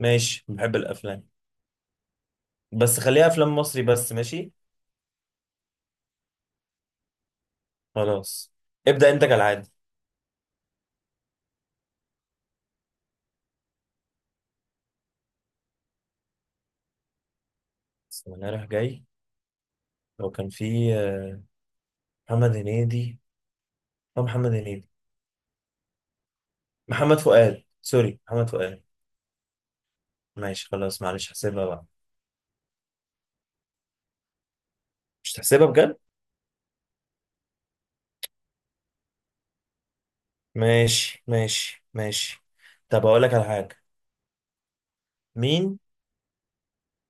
ماشي بحب الافلام. بس خليها افلام مصري بس. ماشي خلاص. ابدأ انت كالعادة. بسم الله رايح جاي. لو كان في محمد هنيدي أو محمد هنيدي. محمد فؤاد، سوري محمد فؤاد. ماشي خلاص، معلش هحسبها بقى. مش تحسبها بجد. ماشي ماشي ماشي. طب اقول لك على حاجة، مين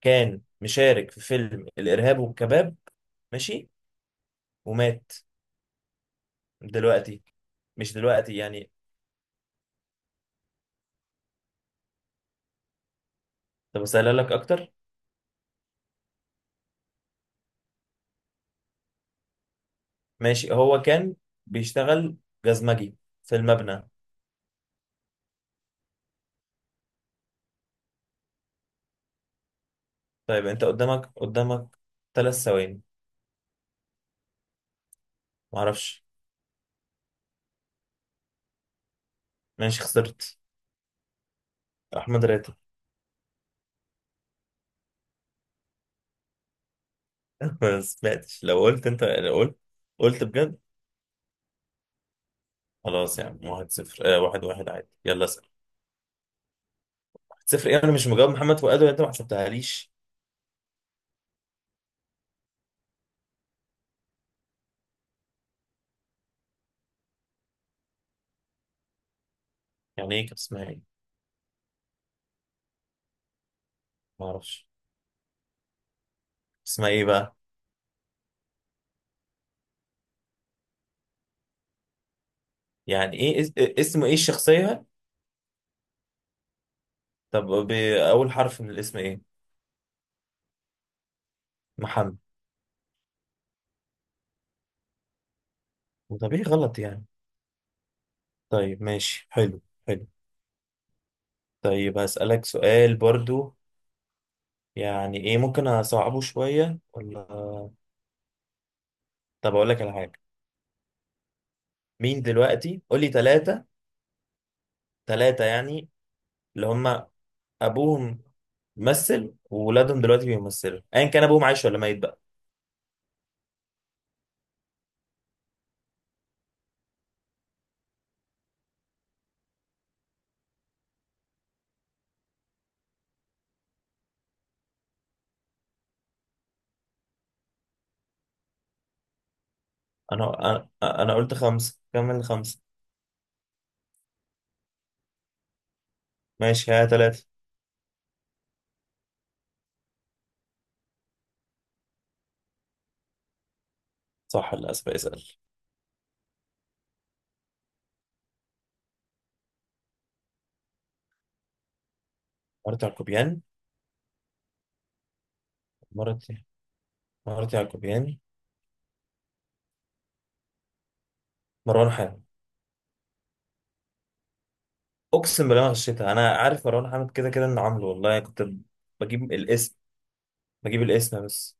كان مشارك في فيلم الإرهاب والكباب؟ ماشي. ومات دلوقتي. مش دلوقتي يعني. طب اسألها لك اكتر. ماشي، هو كان بيشتغل جزمجي في المبنى. طيب انت قدامك قدامك 3 ثواني. معرفش. ماشي خسرت. احمد راتب. ما سمعتش، لو قلت انت لو قلت، قلت بجد. خلاص يا عم، 1-0 1-1 عادي، يلا اسال. 1-0 ايه، انا مش مجاوب محمد فؤاد وانت ما حسبتهاليش. يعني ايه كان اسمها ايه؟ معرفش. اسمها ايه بقى؟ يعني ايه اسمه ايه الشخصية؟ طب اول حرف من الاسم ايه؟ محمد. طب ايه غلط يعني؟ طيب ماشي، حلو. حلو. طيب هسألك سؤال برضو، يعني ايه، ممكن اصعبه شوية ولا. طب اقول لك على حاجة. مين دلوقتي، قول لي ثلاثة. ثلاثة يعني اللي هم ابوهم ممثل وولادهم دلوقتي بيمثلوا، ايا كان ابوهم عايش ولا ميت بقى. انا انا انا قلت خمسة، كمل خمسة. ماشي، ها ثلاثة. صح، للاسف اسأل. مرات يعقوبيان. مرات مرات يعقوبيان، مروان حامد. اقسم بالله ما غشيتها، انا عارف مروان حامد كده كده انه عامله، والله كنت بجيب الاسم، بجيب الاسم بس.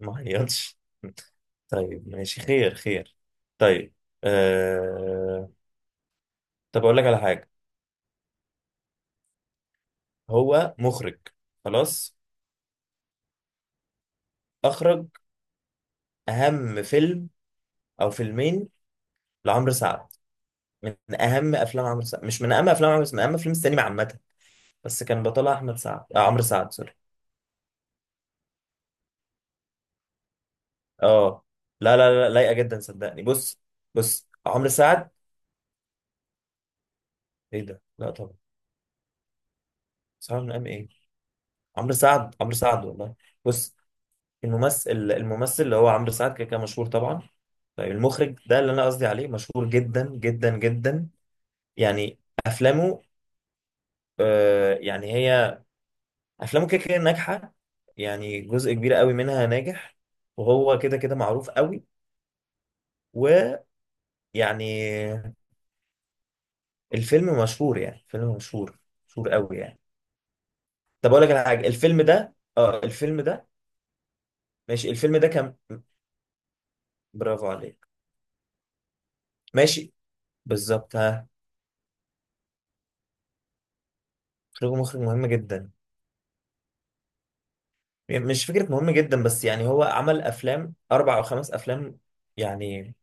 ما عيطش. طيب ماشي، خير خير. طيب. آه... طب أقول لك على حاجة، هو مخرج. خلاص. أخرج أهم فيلم أو فيلمين لعمرو سعد. من أهم أفلام عمرو سعد، مش من أهم أفلام عمرو سعد، من أهم أفلام السينما عامة. بس كان بطلها أحمد سعد، آه عمرو سعد سوري. أه. لا لا لا، لايقة جدا صدقني. بص. بص عمرو سعد. إيه ده؟ لا طبعا. سعد من أهم إيه؟ عمرو سعد، عمرو سعد والله. بص. الممثل اللي هو عمرو سعد كده كده مشهور طبعا. طيب المخرج ده اللي انا قصدي عليه مشهور جدا جدا جدا. يعني افلامه، يعني هي افلامه كده كده ناجحه، يعني جزء كبير قوي منها ناجح، وهو كده كده معروف قوي، ويعني الفيلم مشهور، يعني فيلم مشهور، مشهور قوي يعني. طب اقول لك على حاجه، الفيلم ده اه الفيلم ده، ماشي الفيلم ده كان. برافو عليك. ماشي، بالظبط ها. مخرج مهم جدا، يعني مش فكرة مهم جدا، بس يعني هو عمل أفلام أربع أو خمس أفلام يعني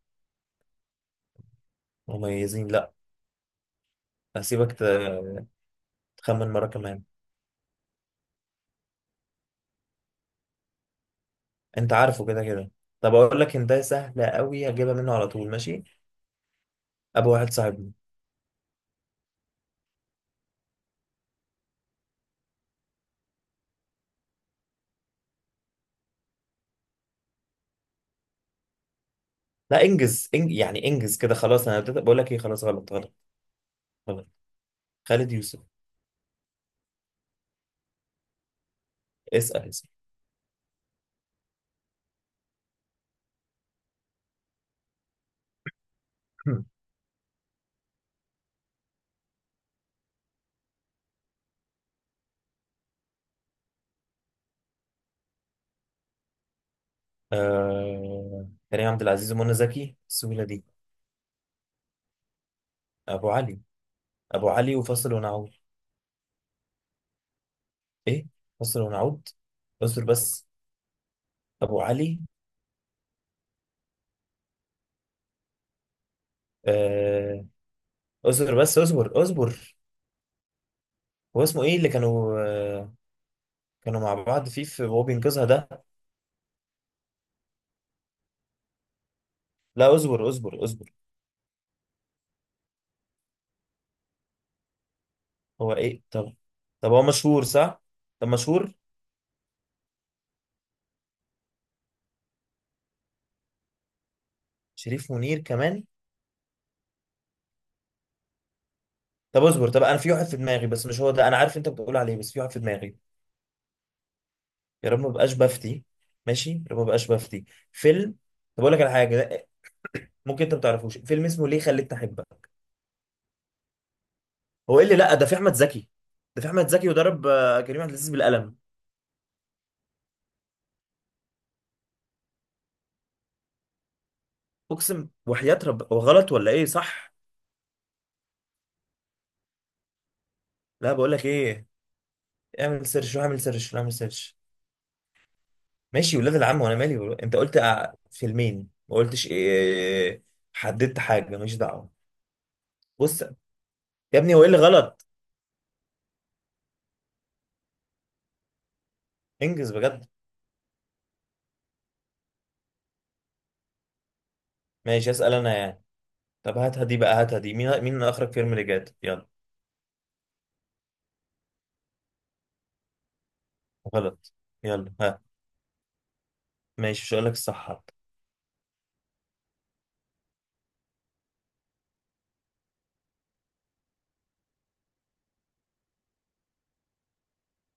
مميزين. لأ. هسيبك تخمن مرة كمان. أنت عارفه كده كده. طب أقول لك، أنت سهلة أوي هجيبها منه على طول. ماشي. أبو واحد صاحبنا. لا، يعني إنجز كده. خلاص أنا بدأت بقول لك إيه، خلاص غلط غلط. غلط. خالد يوسف. اسأل اسأل. كريم عبد العزيز ومنى زكي، السهولة دي؟ أبو علي. أبو علي وفاصل ونعود. إيه، فاصل ونعود، اصبر بس. أبو علي. آه، اصبر بس اصبر اصبر. هو اسمه ايه اللي كانوا، كانوا مع بعض فيه، في وهو بينقذها ده. لا اصبر اصبر اصبر. هو ايه طب؟ طب هو مشهور صح. طب مشهور. شريف منير كمان. طب اصبر، طب انا في واحد في دماغي بس مش هو ده، انا عارف انت بتقول عليه بس في واحد في دماغي. يا رب ما بقاش بفتي. ماشي يا رب ما بقاش بفتي. فيلم. طب اقول لك على حاجه ده، ممكن انت ما تعرفوش فيلم اسمه ليه خليتني احبك. هو ايه اللي، لا ده في احمد زكي، ده في احمد زكي وضرب كريم عبد العزيز بالقلم. اقسم وحياة رب، هو غلط ولا ايه صح؟ لا بقول لك ايه، اعمل سيرش واعمل سيرش واعمل سيرش. ماشي ولاد العم، وانا مالي انت قلت فيلمين ما قلتش إيه. حددت حاجه، ماليش دعوه. بص. يا ابني هو ايه اللي غلط؟ انجز بجد. ماشي اسال انا يعني. طب هاتها دي بقى، هاتها دي، مين مين اخرج فيلم اللي جات؟ يلا. غلط. يلا ها. ماشي مش هقول لك الصح حتى.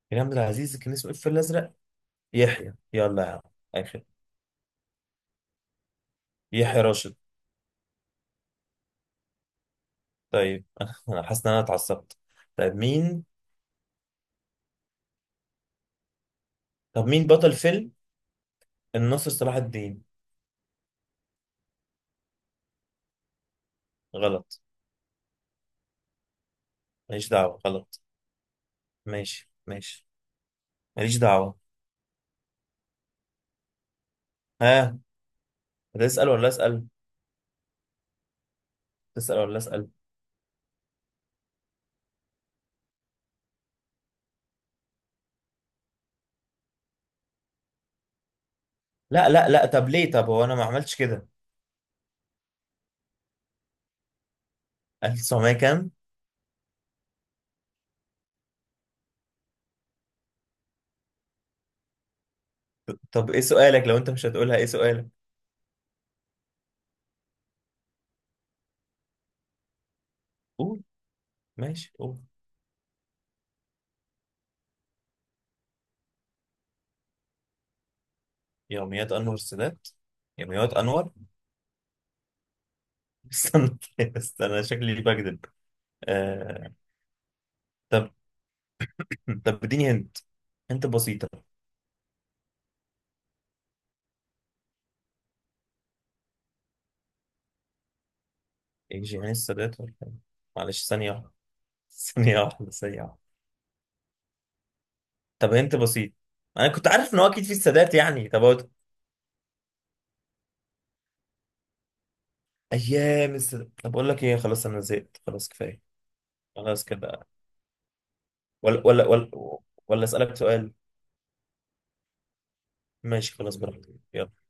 كريم عبد العزيز كان اسمه ايه في الفيل الازرق؟ يحيى، يلا يا عم. اخر. يحيى راشد. طيب انا حاسس ان انا اتعصبت. طيب مين؟ طب مين بطل فيلم الناصر صلاح الدين؟ غلط. ماليش دعوة، غلط. ماشي ماشي. ماليش دعوة. ها. هتسأل ولا أسأل؟ تسأل ولا أسأل؟ لا لا لا، طب ليه، طب هو أنا ما عملتش كده. 1900 كام؟ طب إيه سؤالك لو أنت مش هتقولها، إيه سؤالك؟ قول. ماشي قول. يوميات أنور السادات. يوميات أنور. استنى استنى، شكلي بكذب. آه... طب. طب اديني هنت، هنت بسيطة. إيه جيهان السادات ولا إيه؟ معلش ثانية واحدة. ثانية واحدة ثانية واحدة. طب هنت بسيط. انا كنت عارف ان هو اكيد في السادات يعني. ايام السادات. طب اقول لك ايه، خلاص انا زهقت، خلاص كفايه. خلاص كده. ولا ولا ولا. ولا اسالك سؤال. ماشي خلاص براحتك، يلا.